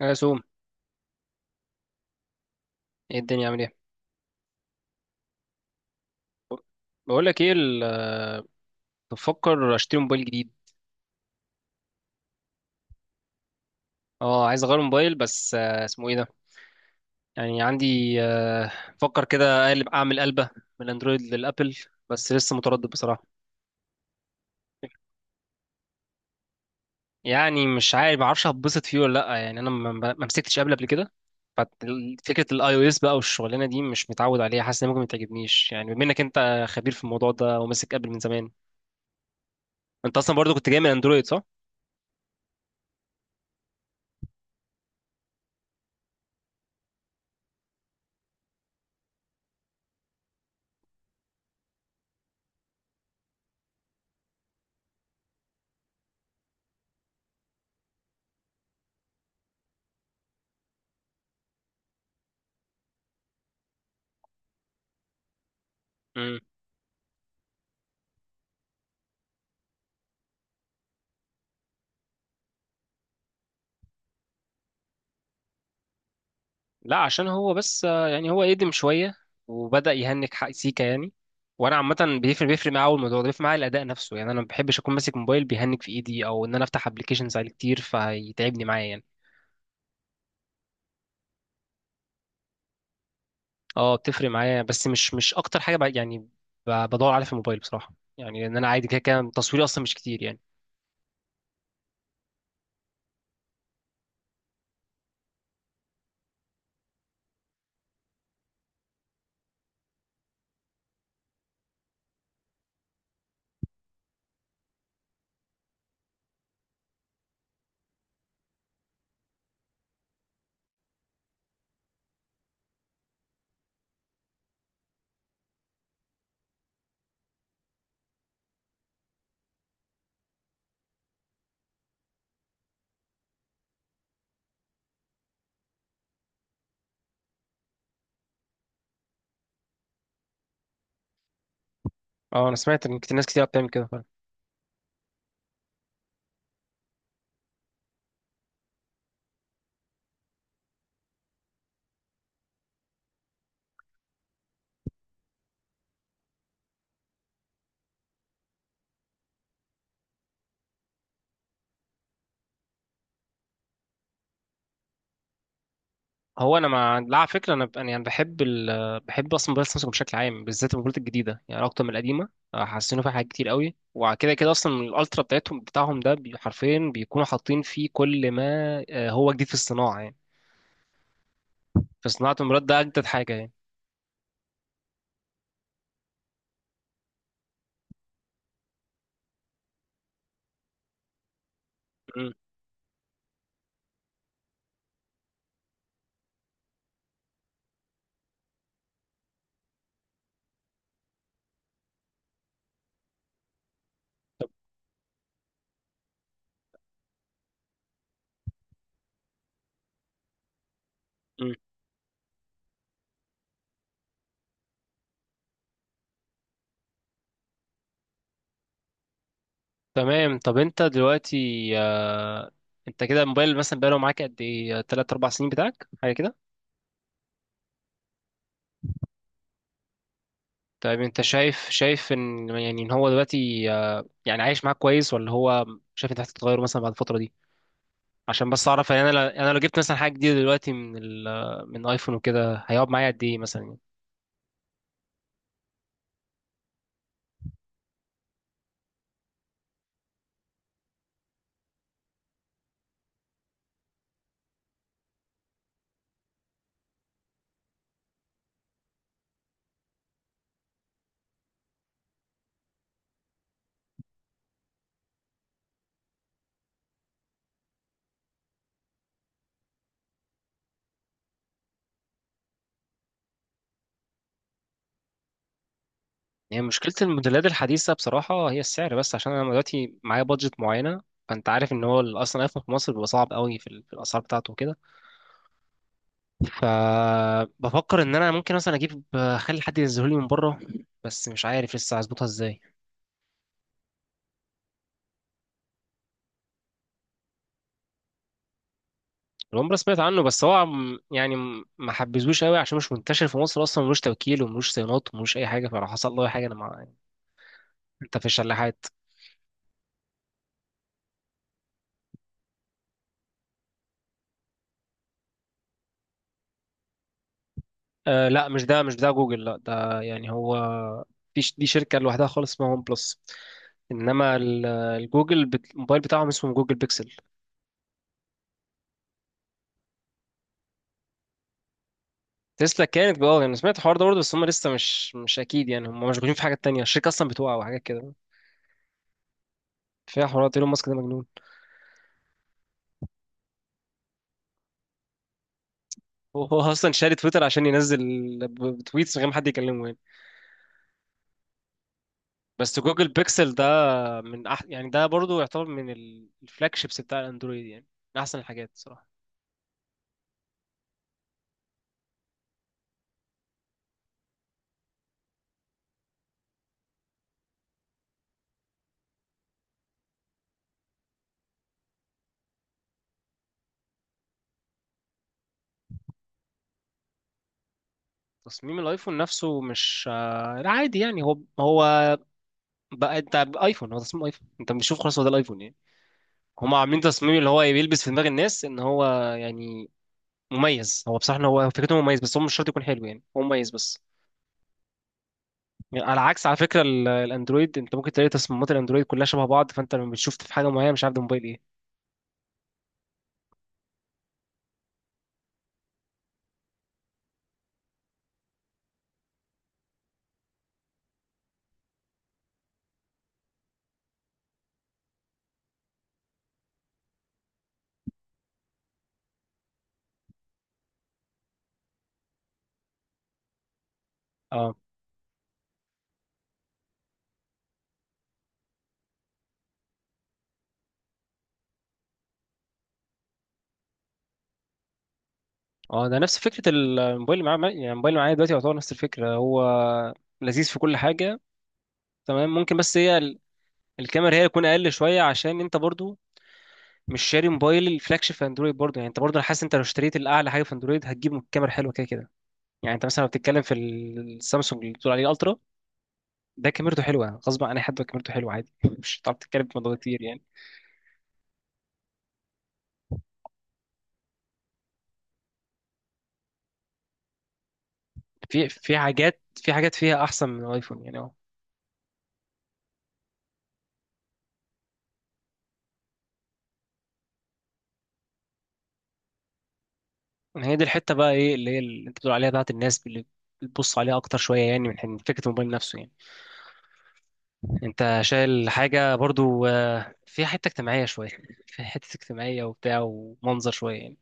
يا سوم، ايه الدنيا عامل ايه؟ بقول لك ايه، بفكر اشتري موبايل جديد. اه، عايز اغير موبايل، بس اسمه ايه ده. يعني عندي بفكر كده اقلب، اعمل قلبه من الاندرويد للابل، بس لسه متردد بصراحه. يعني مش عارف، ما اعرفش هتبسط فيه ولا لا، يعني انا ما مسكتش ابل قبل كده. ففكره الاي او اس بقى والشغلانه دي مش متعود عليها، حاسس ان ممكن ما تعجبنيش. يعني بما انك انت خبير في الموضوع ده وماسك ابل من زمان، انت اصلا برضو كنت جاي من اندرويد صح؟ لا عشان هو بس يعني هو قدم شوية، وبدأ يهنك حق سيكا يعني. وانا عامة بيفرق معايا أوي، الموضوع ده بيفرق معايا، الاداء نفسه يعني. انا ما بحبش اكون ماسك موبايل بيهنك في ايدي، او ان انا افتح ابلكيشنز عليه كتير فيتعبني معايا يعني. اه بتفرق معايا، بس مش اكتر حاجة بقى يعني. بدور عليها في الموبايل بصراحة، يعني ان انا عادي، كده كده تصويري اصلا مش كتير يعني. اه انا سمعت ان ناس كتير بتعمل كده. هو انا مع، لا على فكره، انا يعني، انا يعني بحب اصلا موبايل سامسونج بشكل عام، بالذات الموبايلات الجديده يعني اكتر من القديمه. حسنوا فيها حاجات كتير قوي، وكده كده اصلا الالترا بتاعهم ده حرفيا بيكونوا حاطين فيه كل ما هو جديد في الصناعه يعني. في صناعه الموبايلات ده اجدد حاجه يعني. م- م. تمام. طب انت دلوقتي آه، انت كده الموبايل مثلا بقاله معاك قد ايه، 3 4 سنين بتاعك، حاجه كده؟ طيب انت شايف ان يعني ان هو دلوقتي يعني عايش معاك كويس، ولا هو شايف انت محتاج تغيره مثلا بعد الفتره دي؟ عشان بس اعرف يعني، انا انا لو جبت مثلا حاجه جديده دلوقتي من من ايفون وكده، هيقعد معايا قد ايه مثلا يعني؟ يعني مشكله الموديلات الحديثه بصراحه هي السعر بس، عشان انا دلوقتي معايا بادجت معينه. فانت عارف ان هو اصلا ايفون في مصر بيبقى صعب قوي في، في الاسعار بتاعته وكده. فبفكر ان انا ممكن مثلا اجيب، اخلي حد ينزله لي من بره، بس مش عارف لسه هظبطها ازاي. الون سمعت عنه، بس هو يعني ما حبيتهوش قوي عشان مش منتشر في مصر اصلا، ملوش توكيل وملوش صيانات وملوش اي حاجه، فلو حصل له اي حاجه انا انت في الشلاحات. آه لا، مش ده، مش ده جوجل، لا ده يعني هو، في دي شركة لوحدها خالص اسمها ون بلس. انما الموبايل بتاعهم اسمه جوجل بيكسل. تسلا كانت بقى يعني، أنا سمعت الحوار ده برضه، بس هم لسه مش اكيد يعني، هم مشغولين في حاجات تانية، الشركة اصلا بتوقع وحاجات كده، فيها حوارات. ايلون ماسك ده مجنون. هو اصلا شاري تويتر عشان ينزل بتويتس من غير ما حد يكلمه يعني. بس جوجل بيكسل ده، من يعني ده برضه يعتبر من الفلاج شيبس بتاع الاندرويد يعني، من احسن الحاجات صراحة. تصميم الايفون نفسه مش لا عادي يعني، هو هو بقى انت ايفون هو تصميم ايفون، انت بتشوف خلاص هو ده الايفون يعني. هما عاملين تصميم اللي هو بيلبس في دماغ الناس ان هو يعني مميز. هو بصراحة إن هو فكرته مميز، بس هو مش شرط يكون حلو يعني، هو مميز بس. يعني على عكس على فكرة الاندرويد، انت ممكن تلاقي تصميمات الاندرويد كلها شبه بعض، فانت لما بتشوف في حاجة معينة مش عارف ده موبايل ايه. اه اه، ده نفس فكرة الموبايل اللي معايا يعني، الموبايل اللي معايا دلوقتي يعتبر نفس الفكرة، هو لذيذ في كل حاجة. تمام، ممكن بس هي الكاميرا هي تكون اقل شويه، عشان انت برضو مش شاري موبايل الفلاج شيب في اندرويد برضه يعني. انت برضه انا حاسس انت لو اشتريت الاعلى حاجه في اندرويد هتجيب كاميرا حلوه كده كده يعني. انت مثلا لو بتتكلم في السامسونج اللي بتقول عليه الترا، ده كاميرته حلوه غصب عن اي حد، كاميرته حلوه عادي مش هتعرف تتكلم في موضوع كتير يعني. في حاجات، في حاجات فيها احسن من الايفون يعني، اه. هي دي الحته بقى، ايه اللي هي اللي انت بتقول عليها بتاعت الناس اللي بتبص عليها اكتر شويه يعني، من حين فكره الموبايل نفسه يعني. انت شايل حاجه برضو فيها حته اجتماعيه شويه، فيها حته اجتماعيه وبتاع ومنظر شويه يعني.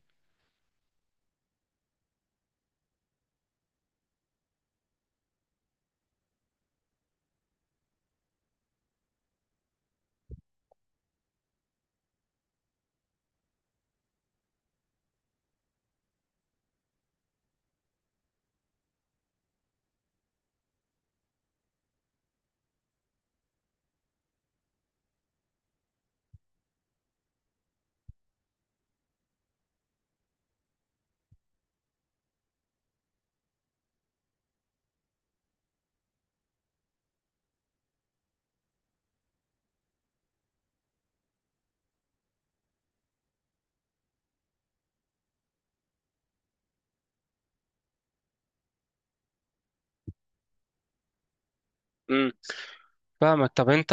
فاهمك. طب انت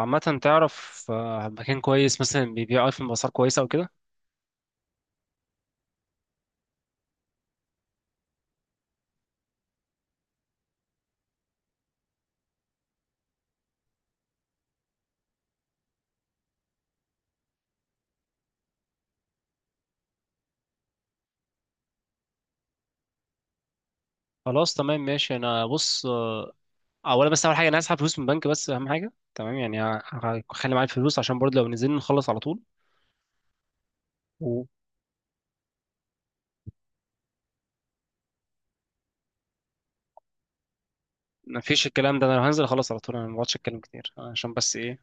عامة تعرف مكان كويس مثلا بيبيع ايفون بأسعار كويسة او كده؟ خلاص تمام ماشي. انا بص اولا، بس اول حاجة انا هسحب فلوس من البنك، بس اهم حاجة تمام يعني. هخلي معايا الفلوس عشان برضه لو نزلنا نخلص على طول. ومفيش الكلام ده، انا لو هنزل اخلص على طول انا مبقعدش اتكلم كتير عشان بس ايه.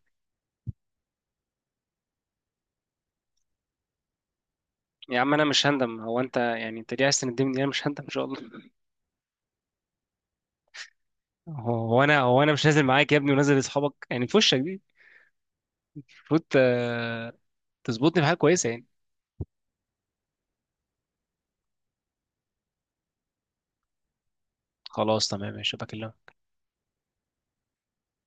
يا عم انا مش هندم، هو انت يعني انت ليه عايز تندمني؟ انا مش هندم ان شاء الله. هو انا مش نازل معاك يا ابني ونازل لاصحابك يعني في وشك دي؟ المفروض تظبطني في حاجة كويسة يعني. خلاص تمام ماشي، بكلمك.